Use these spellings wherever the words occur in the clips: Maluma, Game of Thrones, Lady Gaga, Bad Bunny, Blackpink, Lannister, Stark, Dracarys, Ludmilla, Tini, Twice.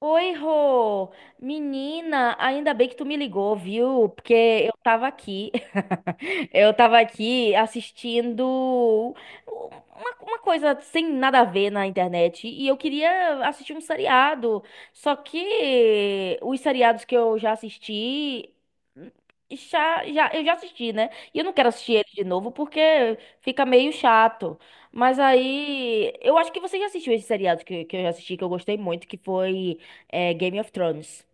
Oi, Rô! Menina, ainda bem que tu me ligou, viu? Porque eu tava aqui, eu tava aqui assistindo uma coisa sem nada a ver na internet e eu queria assistir um seriado. Só que os seriados que eu já assisti, eu já assisti, né? E eu não quero assistir ele de novo porque fica meio chato. Mas aí, eu acho que você já assistiu esse seriado que eu já assisti, que eu gostei muito, que foi é Game of Thrones.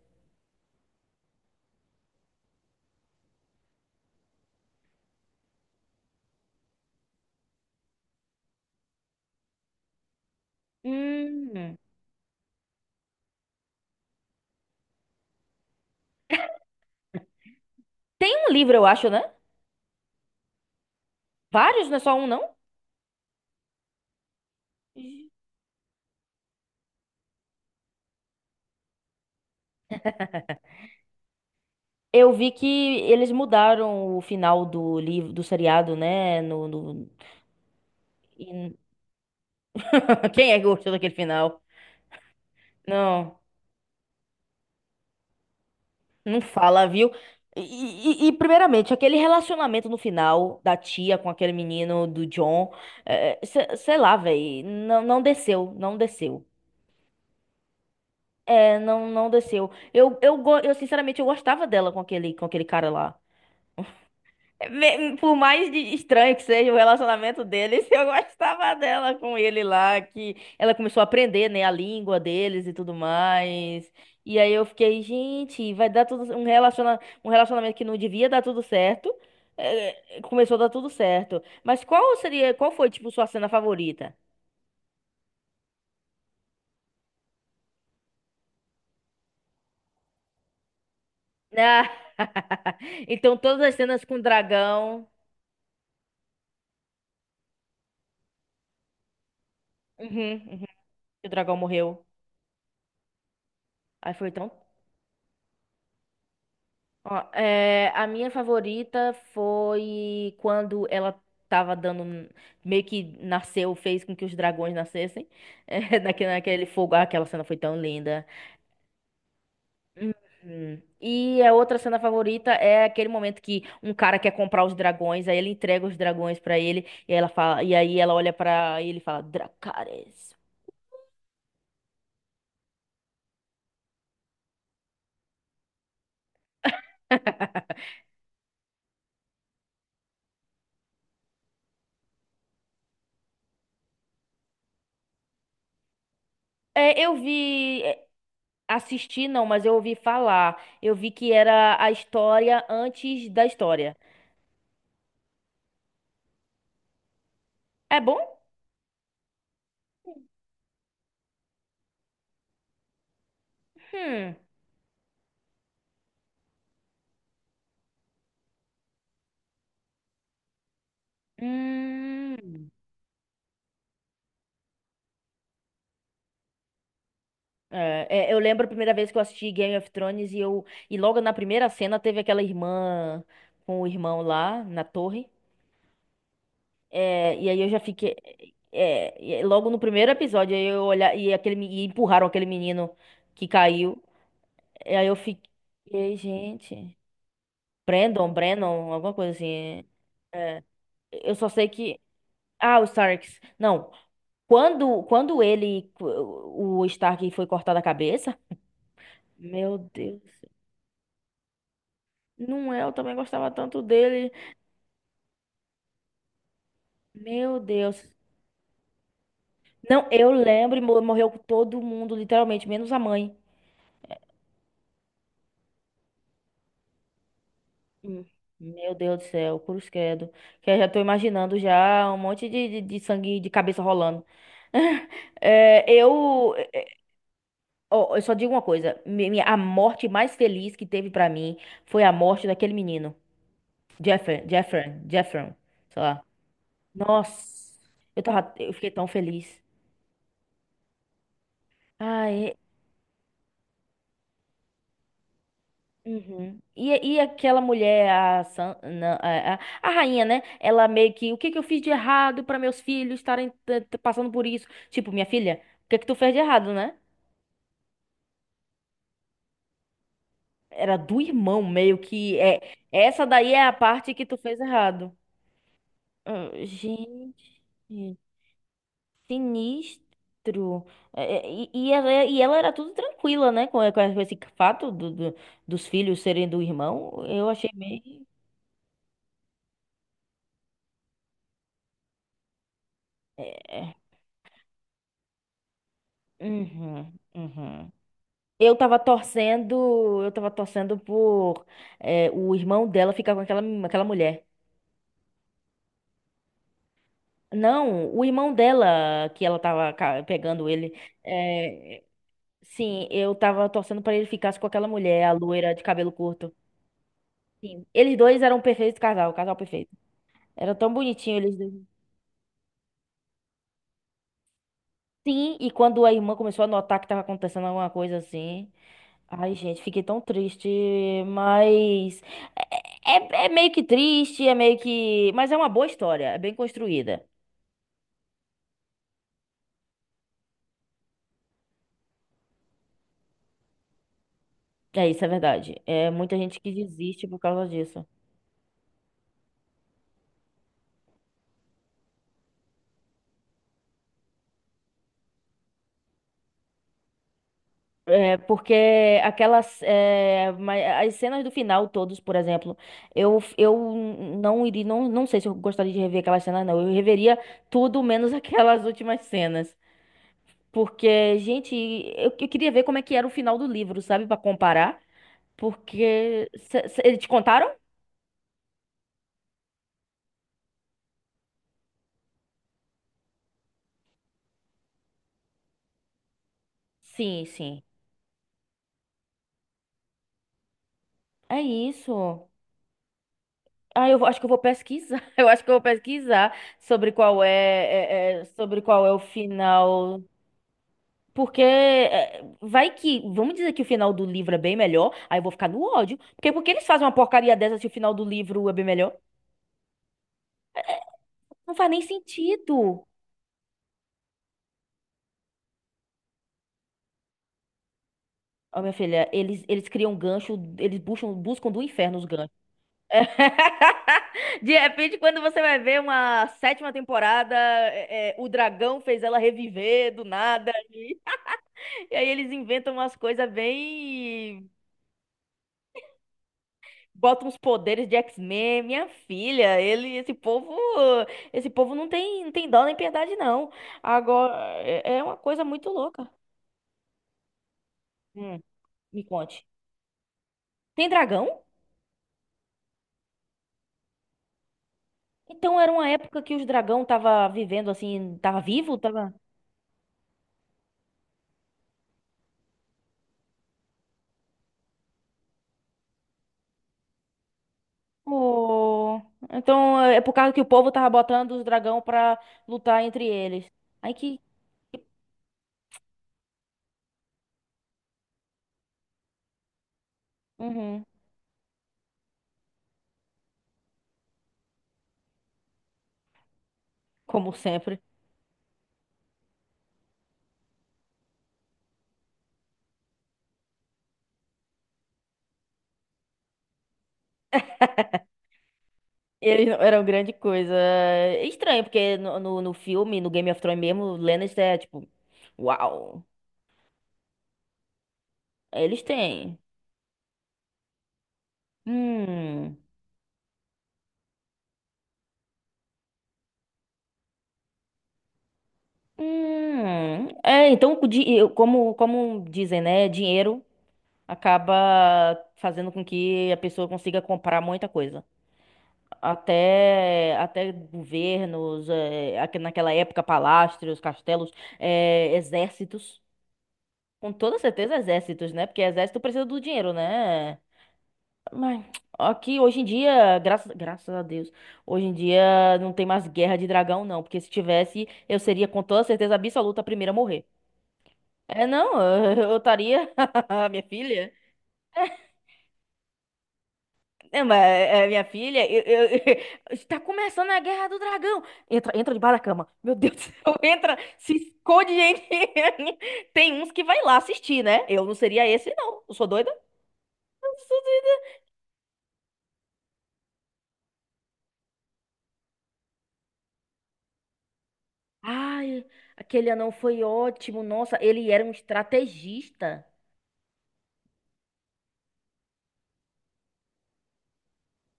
Hum. Tem um livro, eu acho, né? Vários, não é só um, não? Eu vi que eles mudaram o final do livro, do seriado, né? E- Quem é que gostou daquele final? Não, não fala, viu? Primeiramente, aquele relacionamento no final da tia com aquele menino do John, é, sei lá, velho, não desceu, não desceu. É, não desceu. Sinceramente, eu gostava dela com aquele cara lá. Por mais estranho que seja o relacionamento deles, eu gostava dela com ele lá, que ela começou a aprender, né, a língua deles e tudo mais. E aí eu fiquei, gente, vai dar um relacionamento que não devia dar tudo certo, começou a dar tudo certo. Mas qual foi, tipo, sua cena favorita? Ah, então todas as cenas com o dragão. Uhum, uhum, que o dragão morreu. Aí foi tão é, a minha favorita foi quando ela tava dando. um- Meio que nasceu, fez com que os dragões nascessem. É, naquele, naquele fogo. Ah, aquela cena foi tão linda. Uhum. E a outra cena favorita é aquele momento que um cara quer comprar os dragões, aí ele entrega os dragões pra ele, e aí ela olha pra ele e fala, Dracarys. É, eu vi. É, assisti não, mas eu ouvi falar. Eu vi que era a história antes da história. É bom? Hum. Hum. É, é, eu lembro a primeira vez que eu assisti Game of Thrones e eu e logo na primeira cena teve aquela irmã com o irmão lá na torre. É, e aí eu já fiquei é, e aí logo no primeiro episódio aí eu olhar e e empurraram aquele menino que caiu. E aí eu fiquei, gente, Brandon, Brandon, alguma coisa assim. É, eu só sei que ah, os Starks. Não. Quando, quando ele, o Stark foi cortado a cabeça, meu Deus. Não é, eu também gostava tanto dele. Meu Deus. Não, eu lembro, e morreu todo mundo, literalmente, menos a mãe. Hum. Meu Deus do céu, cruz credo. Que eu já tô imaginando já um monte de sangue de cabeça rolando. É, eu, é, eu só digo uma coisa. A morte mais feliz que teve pra mim foi a morte daquele menino. Jeffrey, Jeffrey, Jeffrey, sei lá. Nossa, eu fiquei tão feliz. Ai, uhum. E aquela mulher, a, San- não, a rainha, né? Ela meio que, o que que eu fiz de errado para meus filhos estarem passando por isso? Tipo, minha filha, o que que tu fez de errado, né? Era do irmão, meio que, é, essa daí é a parte que tu fez errado. Ah, gente. Sinistro. E ela, é, e ela era tudo tranquila, né? Com esse fato dos filhos serem do irmão. Eu achei meio. É. Uhum, uhum. Eu tava torcendo por é, o irmão dela ficar com aquela, aquela mulher. Não, o irmão dela, que ela tava pegando ele. É, sim, eu tava torcendo pra ele ficar com aquela mulher, a loira de cabelo curto. Sim, eles dois eram um perfeito casal, casal perfeito. Era tão bonitinho eles dois. Sim, e quando a irmã começou a notar que tava acontecendo alguma coisa assim. Ai, gente, fiquei tão triste, mas. É, é meio que triste, é meio que. Mas é uma boa história, é bem construída. É isso, é verdade. É muita gente que desiste por causa disso. É porque aquelas. É, as cenas do final, todos, por exemplo, eu não iria. Não, não sei se eu gostaria de rever aquelas cenas, não. Eu reveria tudo menos aquelas últimas cenas. Porque, gente, eu queria ver como é que era o final do livro, sabe? Pra comparar. Porque. Eles te contaram? Sim, sim. É isso. Ah, acho que eu vou pesquisar. Eu acho que eu vou pesquisar sobre qual é, é- é- sobre qual é o final. Porque é, vai que. Vamos dizer que o final do livro é bem melhor. Aí eu vou ficar no ódio. Porque por que eles fazem uma porcaria dessa se o final do livro é bem melhor? Não faz nem sentido. Ó, minha filha, eles criam um gancho, eles buscam, buscam do inferno os ganchos. De repente, quando você vai ver uma sétima temporada, é, é, o dragão fez ela reviver do nada. E aí eles inventam umas coisas bem. Botam uns poderes de X-Men. Minha filha, ele, esse povo não tem, não tem dó nem piedade, não. Agora, é é uma coisa muito louca. Hum, me conte. Tem dragão? Então era uma época que os dragão tava vivendo assim, tava vivo? Pô, então é por causa que o povo tava botando os dragão pra lutar entre eles. Ai que. Uhum. Como sempre. Eles não eram grande coisa. É estranho, porque no filme, no Game of Thrones mesmo, o Lannister é tipo. Uau! Eles têm. Hum. Hum. É, então, como, como dizem, né? Dinheiro acaba fazendo com que a pessoa consiga comprar muita coisa. Até, até governos, eh, naquela época, palácios, castelos, eh, exércitos. Com toda certeza, exércitos, né? Porque exército precisa do dinheiro, né? Mas aqui, hoje em dia, graças, graças a Deus, hoje em dia não tem mais guerra de dragão, não. Porque se tivesse, eu seria com toda certeza absoluta a primeira a morrer. É, não, eu estaria, minha filha. Não, mas é, minha filha, está começando a Guerra do Dragão. Entra, entra debaixo da cama. Meu Deus do céu, entra, se esconde, gente. Tem uns que vai lá assistir, né? Eu não seria esse, não. Eu sou doida. Ai, aquele anão foi ótimo. Nossa, ele era um estrategista.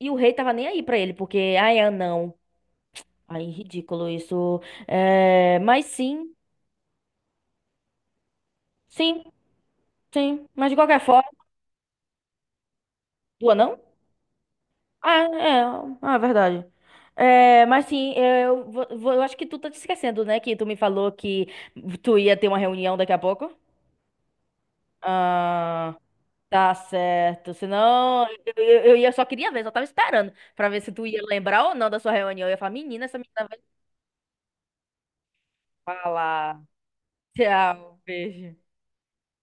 E o rei tava nem aí pra ele, porque, ai, anão. Ai, ridículo isso. É, mas sim, sim, sim. Mas de qualquer forma, do anão? Ah, é, ah, é verdade. É, mas sim, eu, eu acho que tu tá te esquecendo, né? Que tu me falou que tu ia ter uma reunião daqui a pouco. Ah, tá certo. Senão, eu, só queria ver, só tava esperando pra ver se tu ia lembrar ou não da sua reunião. Eu ia falar, menina, essa menina vai falar. Tchau, beijo.